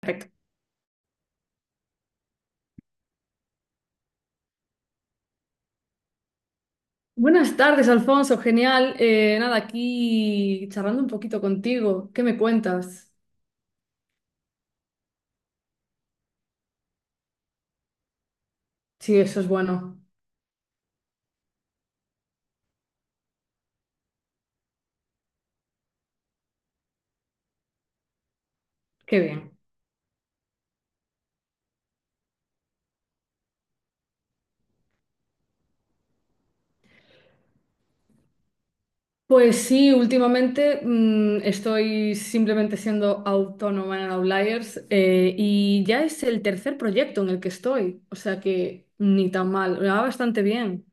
Perfecto. Buenas tardes, Alfonso. Genial. Nada, aquí charlando un poquito contigo. ¿Qué me cuentas? Sí, eso es bueno. Qué bien. Pues sí, últimamente estoy simplemente siendo autónoma en Outliers y ya es el tercer proyecto en el que estoy. O sea que ni tan mal, me va bastante bien.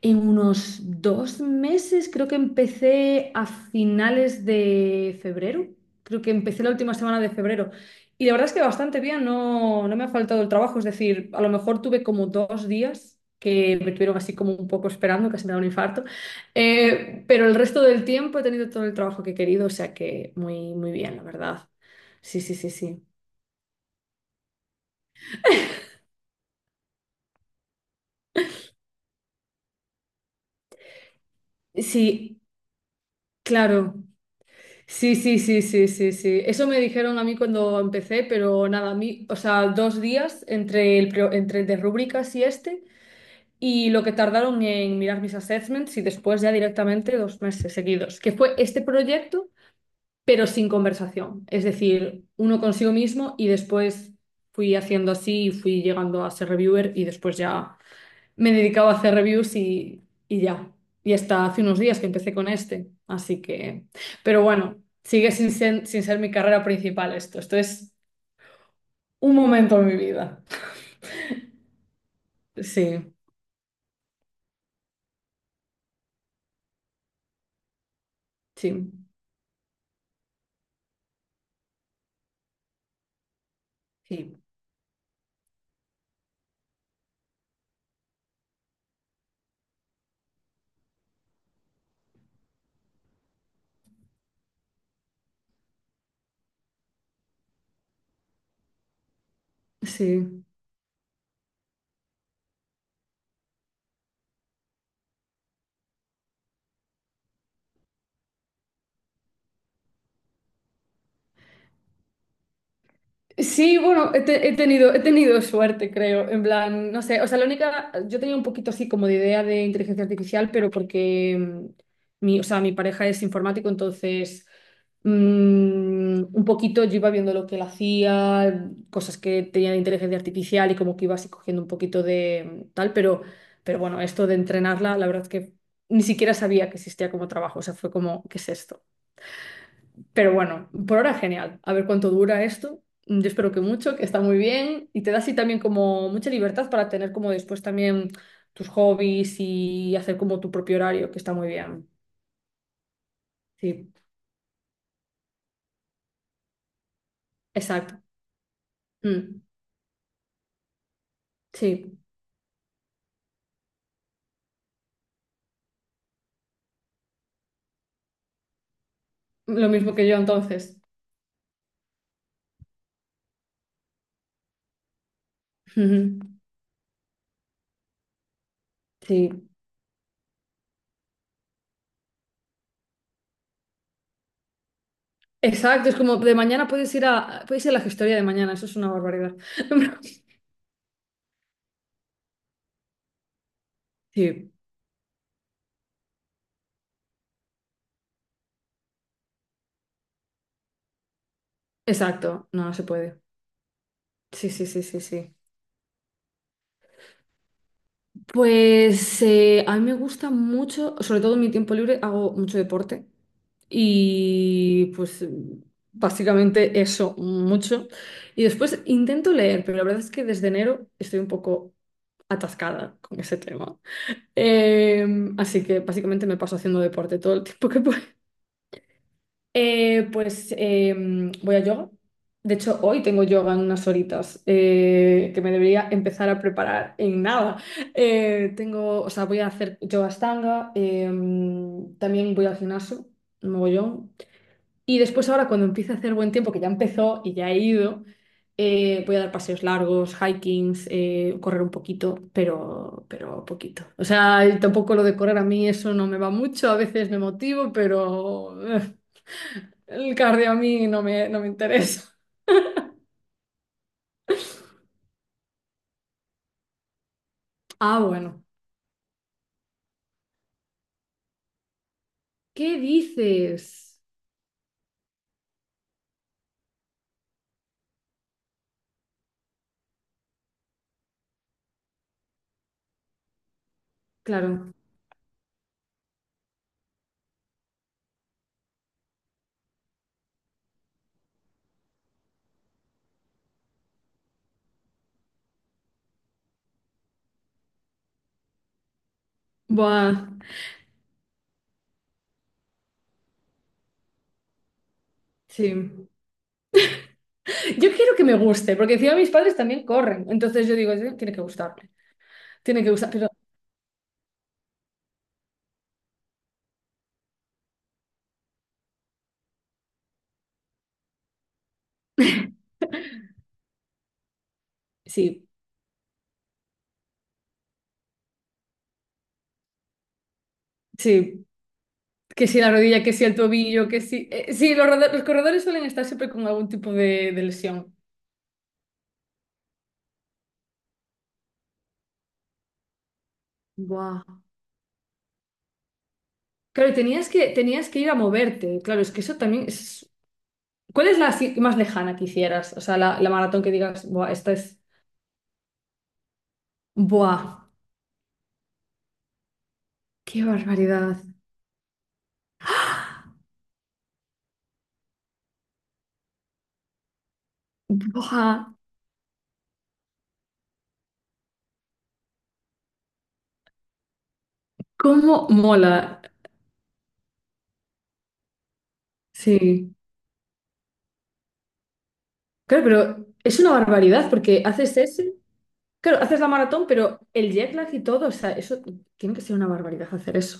En unos dos meses, creo que empecé a finales de febrero. Creo que empecé la última semana de febrero. Y la verdad es que bastante bien, no, no me ha faltado el trabajo. Es decir, a lo mejor tuve como dos días que me tuvieron así como un poco esperando, casi me da un infarto. Pero el resto del tiempo he tenido todo el trabajo que he querido, o sea que muy, muy bien, la verdad. Sí, sí, sí, sí. Sí, claro. Sí, sí, sí, sí, sí, sí. Eso me dijeron a mí cuando empecé, pero nada, a mí, o sea, dos días entre entre el de rúbricas y este, y lo que tardaron en mirar mis assessments y después ya directamente dos meses seguidos, que fue este proyecto, pero sin conversación. Es decir, uno consigo mismo y después fui haciendo así y fui llegando a ser reviewer y después ya me he dedicado a hacer reviews y ya. Y hasta hace unos días que empecé con este. Así que, pero bueno, sigue sin ser, sin ser mi carrera principal esto. Esto es un momento en mi vida. Sí, sí, Sí. sí. Sí, bueno, he tenido suerte, creo. En plan, no sé, o sea, la única, yo tenía un poquito así como de idea de inteligencia artificial, pero porque mi, o sea, mi pareja es informático, entonces mm, un poquito yo iba viendo lo que él hacía, cosas que tenía de inteligencia artificial y como que iba así cogiendo un poquito de tal, pero bueno, esto de entrenarla, la verdad es que ni siquiera sabía que existía como trabajo, o sea, fue como, ¿qué es esto? Pero bueno, por ahora genial. A ver cuánto dura esto. Yo espero que mucho, que está muy bien y te da así también como mucha libertad para tener como después también tus hobbies y hacer como tu propio horario, que está muy bien. Sí, exacto. Mm, sí, lo mismo que yo entonces. Ujú, sí, exacto. Es como de mañana puedes ir a la gestoría de mañana, eso es una barbaridad. Sí, exacto. No, no se puede. Sí, sí, sí, sí, sí. Pues a mí me gusta mucho, sobre todo en mi tiempo libre, hago mucho deporte y pues básicamente eso, mucho. Y después intento leer, pero la verdad es que desde enero estoy un poco atascada con ese tema. Eh, Así que básicamente me paso haciendo deporte todo el tiempo que pues voy a yoga. De hecho, hoy tengo yoga en unas horitas que me debería empezar a preparar en nada. Tengo, o sea, voy a hacer yoga stanga, también voy al gimnasio, un mogollón. Y después ahora cuando empiece a hacer buen tiempo, que ya empezó y ya he ido, voy a dar paseos largos, hikings, correr un poquito, pero poquito. O sea, y tampoco lo de correr a mí eso no me va mucho, a veces me motivo, pero... El cardio a mí no me, no me interesa. Ah, bueno. ¿Qué dices? Claro. Buah, sí. Yo quiero que me guste, porque encima mis padres también corren. Entonces yo digo, "Sí, tiene que gustarme, tiene que gustar." Pero sí, sí, que si la rodilla, que si el tobillo, que si... sí, los corredores suelen estar siempre con algún tipo de lesión. Buah. Claro, tenías que ir a moverte. Claro, es que eso también es... ¿Cuál es la así más lejana que hicieras? O sea, la maratón que digas, buah, esta es... Buah. Qué barbaridad. Buah, cómo mola. Sí. Claro, pero es una barbaridad porque haces ese, claro, haces la maratón, pero el jet lag y todo, o sea, eso tiene que ser una barbaridad hacer eso.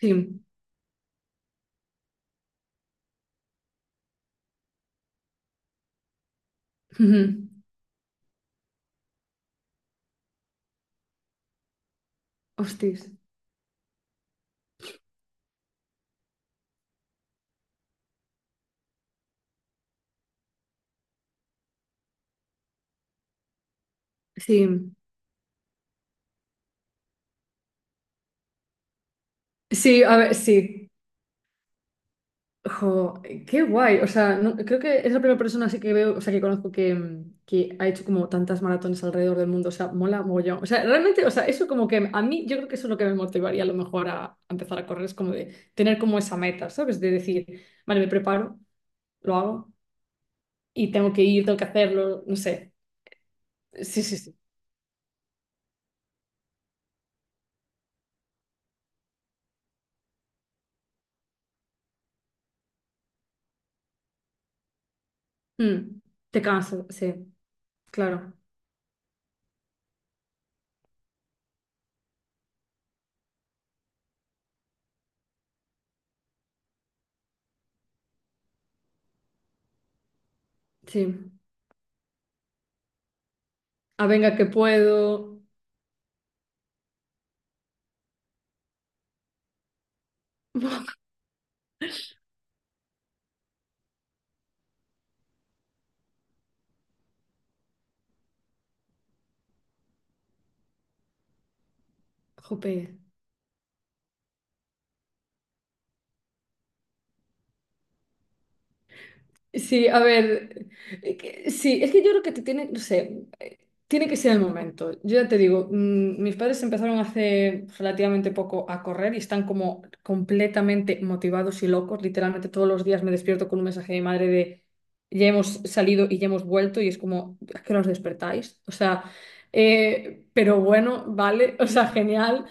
Sí. Ujú. Hostis. Sí. Sí, a ver, sí. Jo, qué guay. O sea, no- creo que es la primera persona así que veo, o sea, que conozco que, que ha hecho como tantas maratones alrededor del mundo. O sea, mola mogollón. O sea, realmente, o sea, eso como que a mí, yo creo que eso es lo que me motivaría a lo mejor a empezar a correr, es como de tener como esa meta, ¿sabes? De decir, vale, me preparo, lo hago y tengo que ir, tengo que hacerlo, no sé. Sí, sí, sí. Mm, te canso, sí, claro. Sí. Ah, venga, que puedo. Jope. Sí, a ver, que- sí, es que yo creo que te tiene, no sé, tiene que ser el momento. Yo ya te digo, mis padres empezaron hace relativamente poco a correr y están como completamente motivados y locos. Literalmente todos los días me despierto con un mensaje de mi madre de ya hemos salido y ya hemos vuelto y es como, ¿a qué hora os despertáis? O sea, pero bueno, vale, o sea, genial.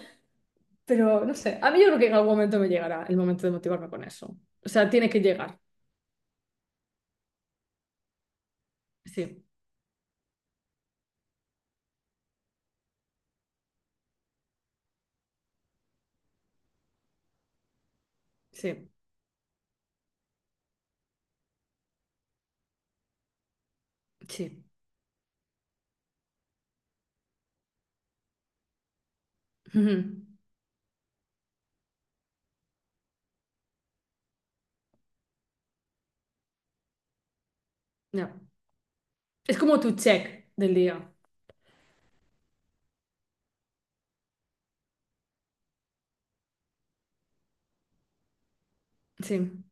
Pero no sé, a mí yo creo que en algún momento me llegará el momento de motivarme con eso. O sea, tiene que llegar. Sí, sí, sí. Ujú, ya. Es como tu check del día. Sí,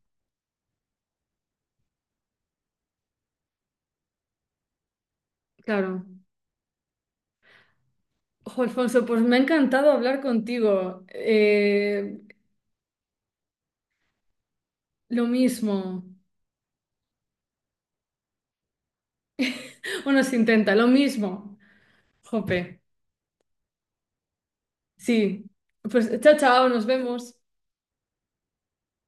claro. Ojo, Alfonso, pues me ha encantado hablar contigo. Lo mismo. Bueno, se intenta, lo mismo. Jope. Sí. Pues chao, chao, nos vemos.